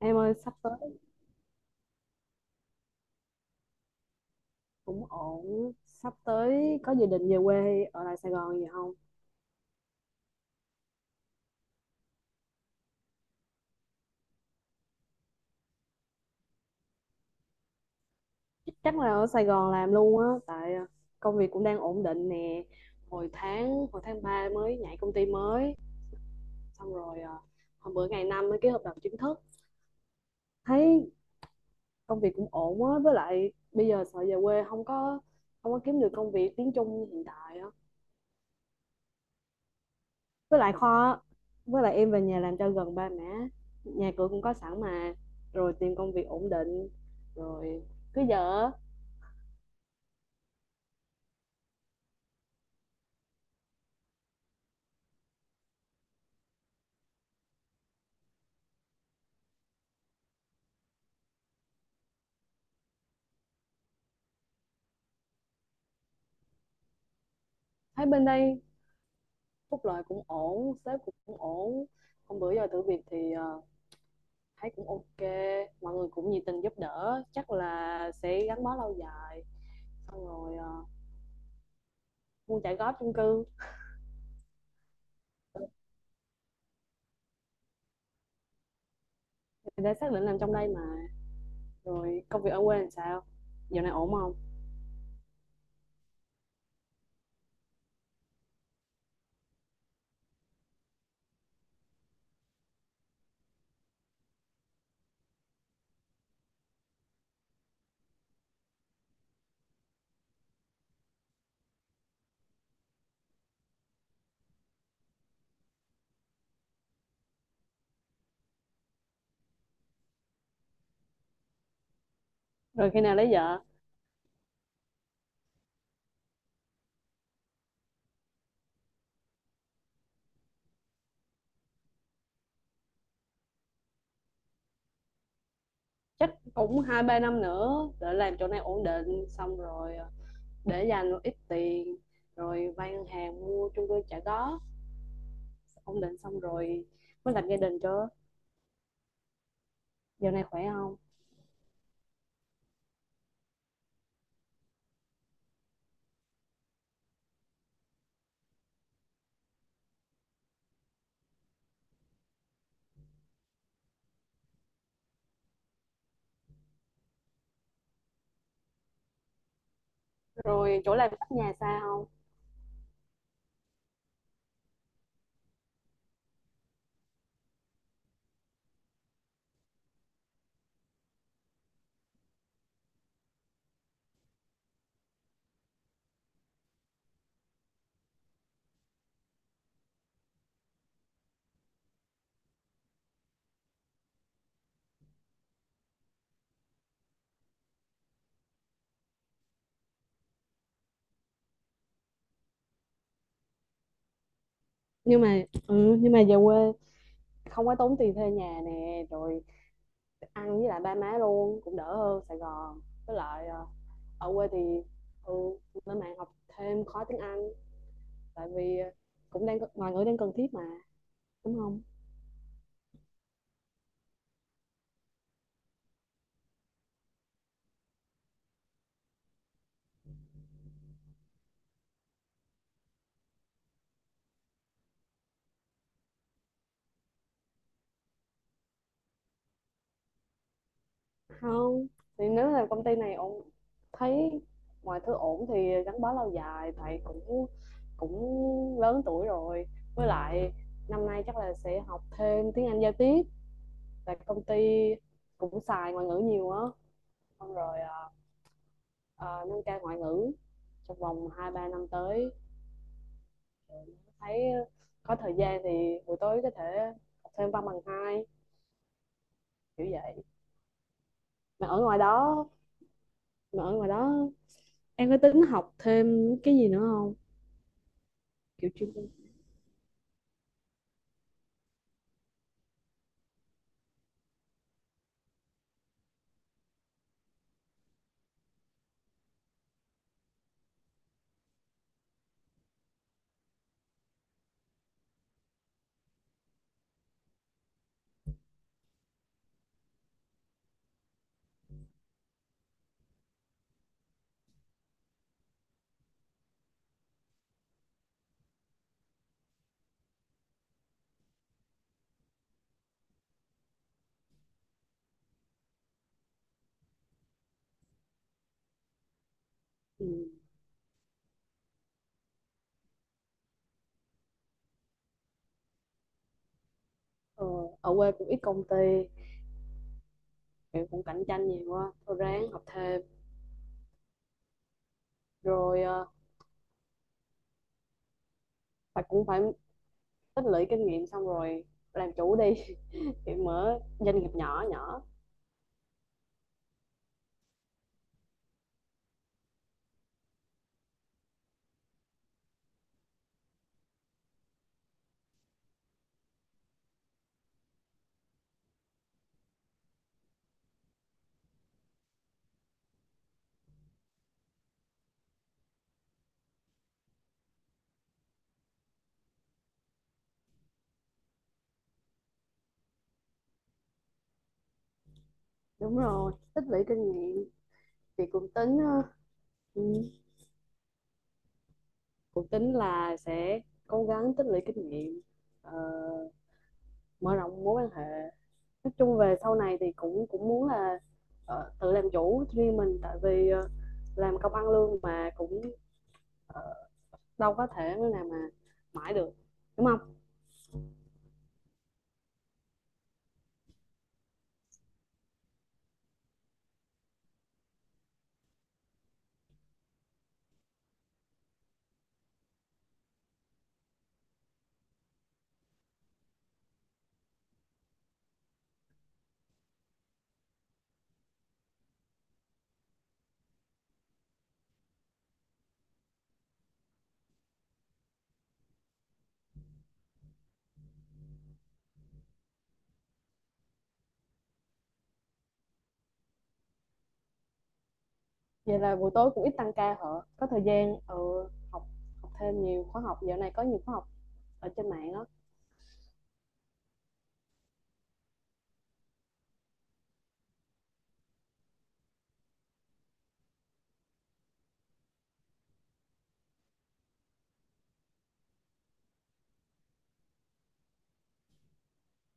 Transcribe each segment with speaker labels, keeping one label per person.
Speaker 1: Em ơi, sắp tới cũng ổn, sắp tới có dự định về quê ở lại Sài Gòn gì không? Chắc là ở Sài Gòn làm luôn á, tại công việc cũng đang ổn định nè. Hồi tháng 3 mới nhảy công ty mới, xong rồi, hôm bữa ngày 5 mới ký hợp đồng chính thức. Thấy công việc cũng ổn á, với lại bây giờ sợ về quê không có kiếm được công việc tiếng Trung hiện tại á. Với lại kho, á. Với lại em về nhà làm cho gần ba mẹ, nhà cửa cũng có sẵn mà, rồi tìm công việc ổn định, rồi cứ giờ thấy bên đây phúc lợi cũng ổn, sếp cũng ổn. Hôm bữa giờ thử việc thì thấy cũng ok, mọi người cũng nhiệt tình giúp đỡ, chắc là sẽ gắn bó lâu dài. Xong rồi mua trả góp chung cư, thì đã xác định làm trong đây mà. Rồi công việc ở quê làm sao, dạo này ổn không? Rồi khi nào lấy vợ? Chắc cũng 2-3 năm nữa để làm chỗ này ổn định, xong rồi để dành một ít tiền, rồi vay ngân hàng mua chung cư trả góp, ổn định xong rồi mới lập gia đình cho. Giờ này khỏe không? Rồi chỗ làm cách nhà xa không? Nhưng mà về quê không có tốn tiền thuê nhà nè, rồi ăn với lại ba má luôn cũng đỡ hơn Sài Gòn. Với lại ở quê thì ừ lên mạng học thêm khóa tiếng Anh, tại vì cũng đang ngoài ngữ đang cần thiết mà, đúng không? Không, thì nếu là công ty này ổn, thấy mọi thứ ổn thì gắn bó lâu dài, tại cũng cũng lớn tuổi rồi. Với lại năm nay chắc là sẽ học thêm tiếng Anh giao tiếp, tại công ty cũng xài ngoại ngữ nhiều á. Xong rồi, nâng cao ngoại ngữ trong vòng 2-3 năm tới, thấy có thời gian thì buổi tối có thể học thêm văn bằng 2, kiểu vậy. mà ở ngoài đó mà ở ngoài đó em có tính học thêm cái gì nữa không, kiểu chuyên? Ừm, ờ, Ở quê cũng ít công ty, kiểu cũng cạnh tranh nhiều quá, thôi ráng học thêm, rồi cũng phải tích lũy kinh nghiệm xong rồi làm chủ đi, thì mở doanh nghiệp nhỏ nhỏ. Đúng rồi, tích lũy kinh nghiệm thì ừm, cũng tính là sẽ cố gắng tích lũy kinh nghiệm, ờ, mở rộng mối quan hệ. Nói chung về sau này thì cũng cũng muốn là tự làm chủ riêng mình, tại vì làm công ăn lương mà cũng, ờ, đâu có thể nào mà mãi được, đúng không? Vậy là buổi tối cũng ít tăng ca hả? Có thời gian ừ, học học thêm nhiều khóa học, dạo này có nhiều khóa học ở trên mạng đó.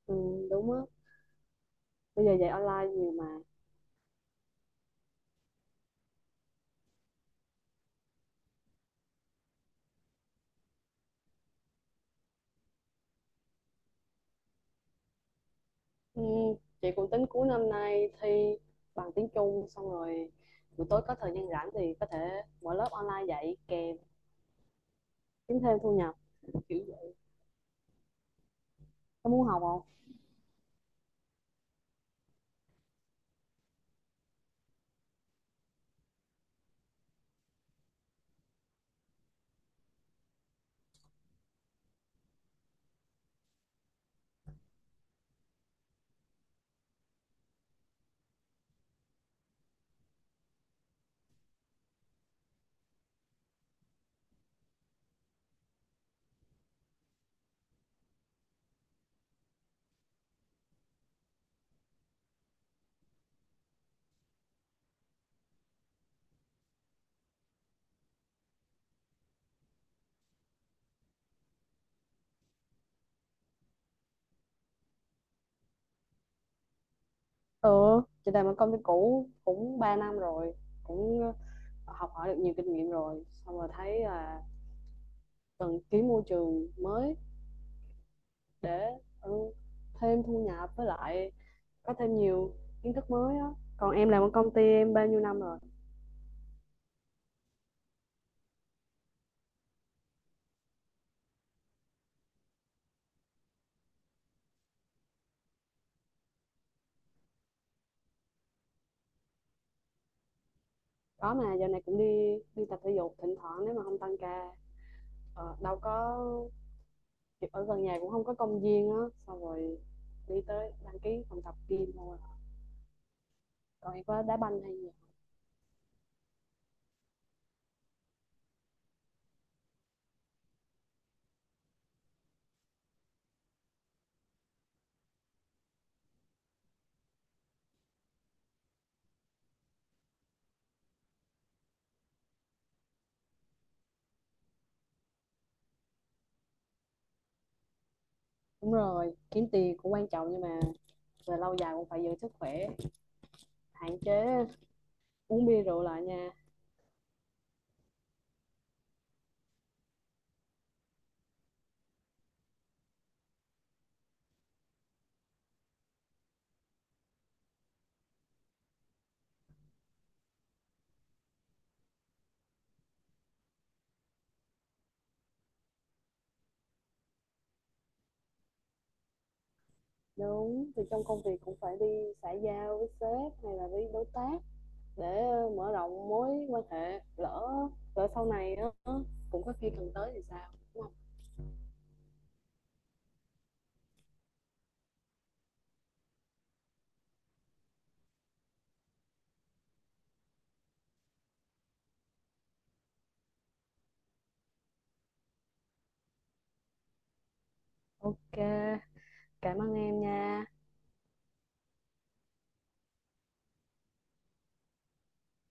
Speaker 1: Ừ, đúng á, bây giờ dạy online nhiều mà. Ừ, chị cũng tính cuối năm nay thi bằng tiếng Trung, xong rồi buổi tối có thời gian rảnh thì có thể mở lớp online dạy kèm kiếm thêm thu nhập, kiểu vậy. Có muốn học không? Ừ, chị làm ở công ty cũ cũng 3 năm rồi, cũng học hỏi được nhiều kinh nghiệm rồi, xong rồi thấy là cần ký môi trường mới để ừ, thêm thu nhập, với lại có thêm nhiều kiến thức mới á. Còn em làm ở công ty em bao nhiêu năm rồi? Có mà giờ này cũng đi đi tập thể dục thỉnh thoảng nếu mà không tăng ca. Đâu có, ở gần nhà cũng không có công viên á, xong rồi đi tới đăng ký phòng tập gym thôi. Còn em có đá banh hay gì? Đúng rồi, kiếm tiền cũng quan trọng nhưng mà về lâu dài cũng phải giữ sức khỏe, hạn chế uống bia rượu lại nha. Đúng, thì trong công việc cũng phải đi xã giao với sếp hay là với đối tác để mở rộng mối quan hệ, lỡ lỡ sau này á cũng có khi cần tới thì sao, đúng không? Ok, cảm ơn em nha.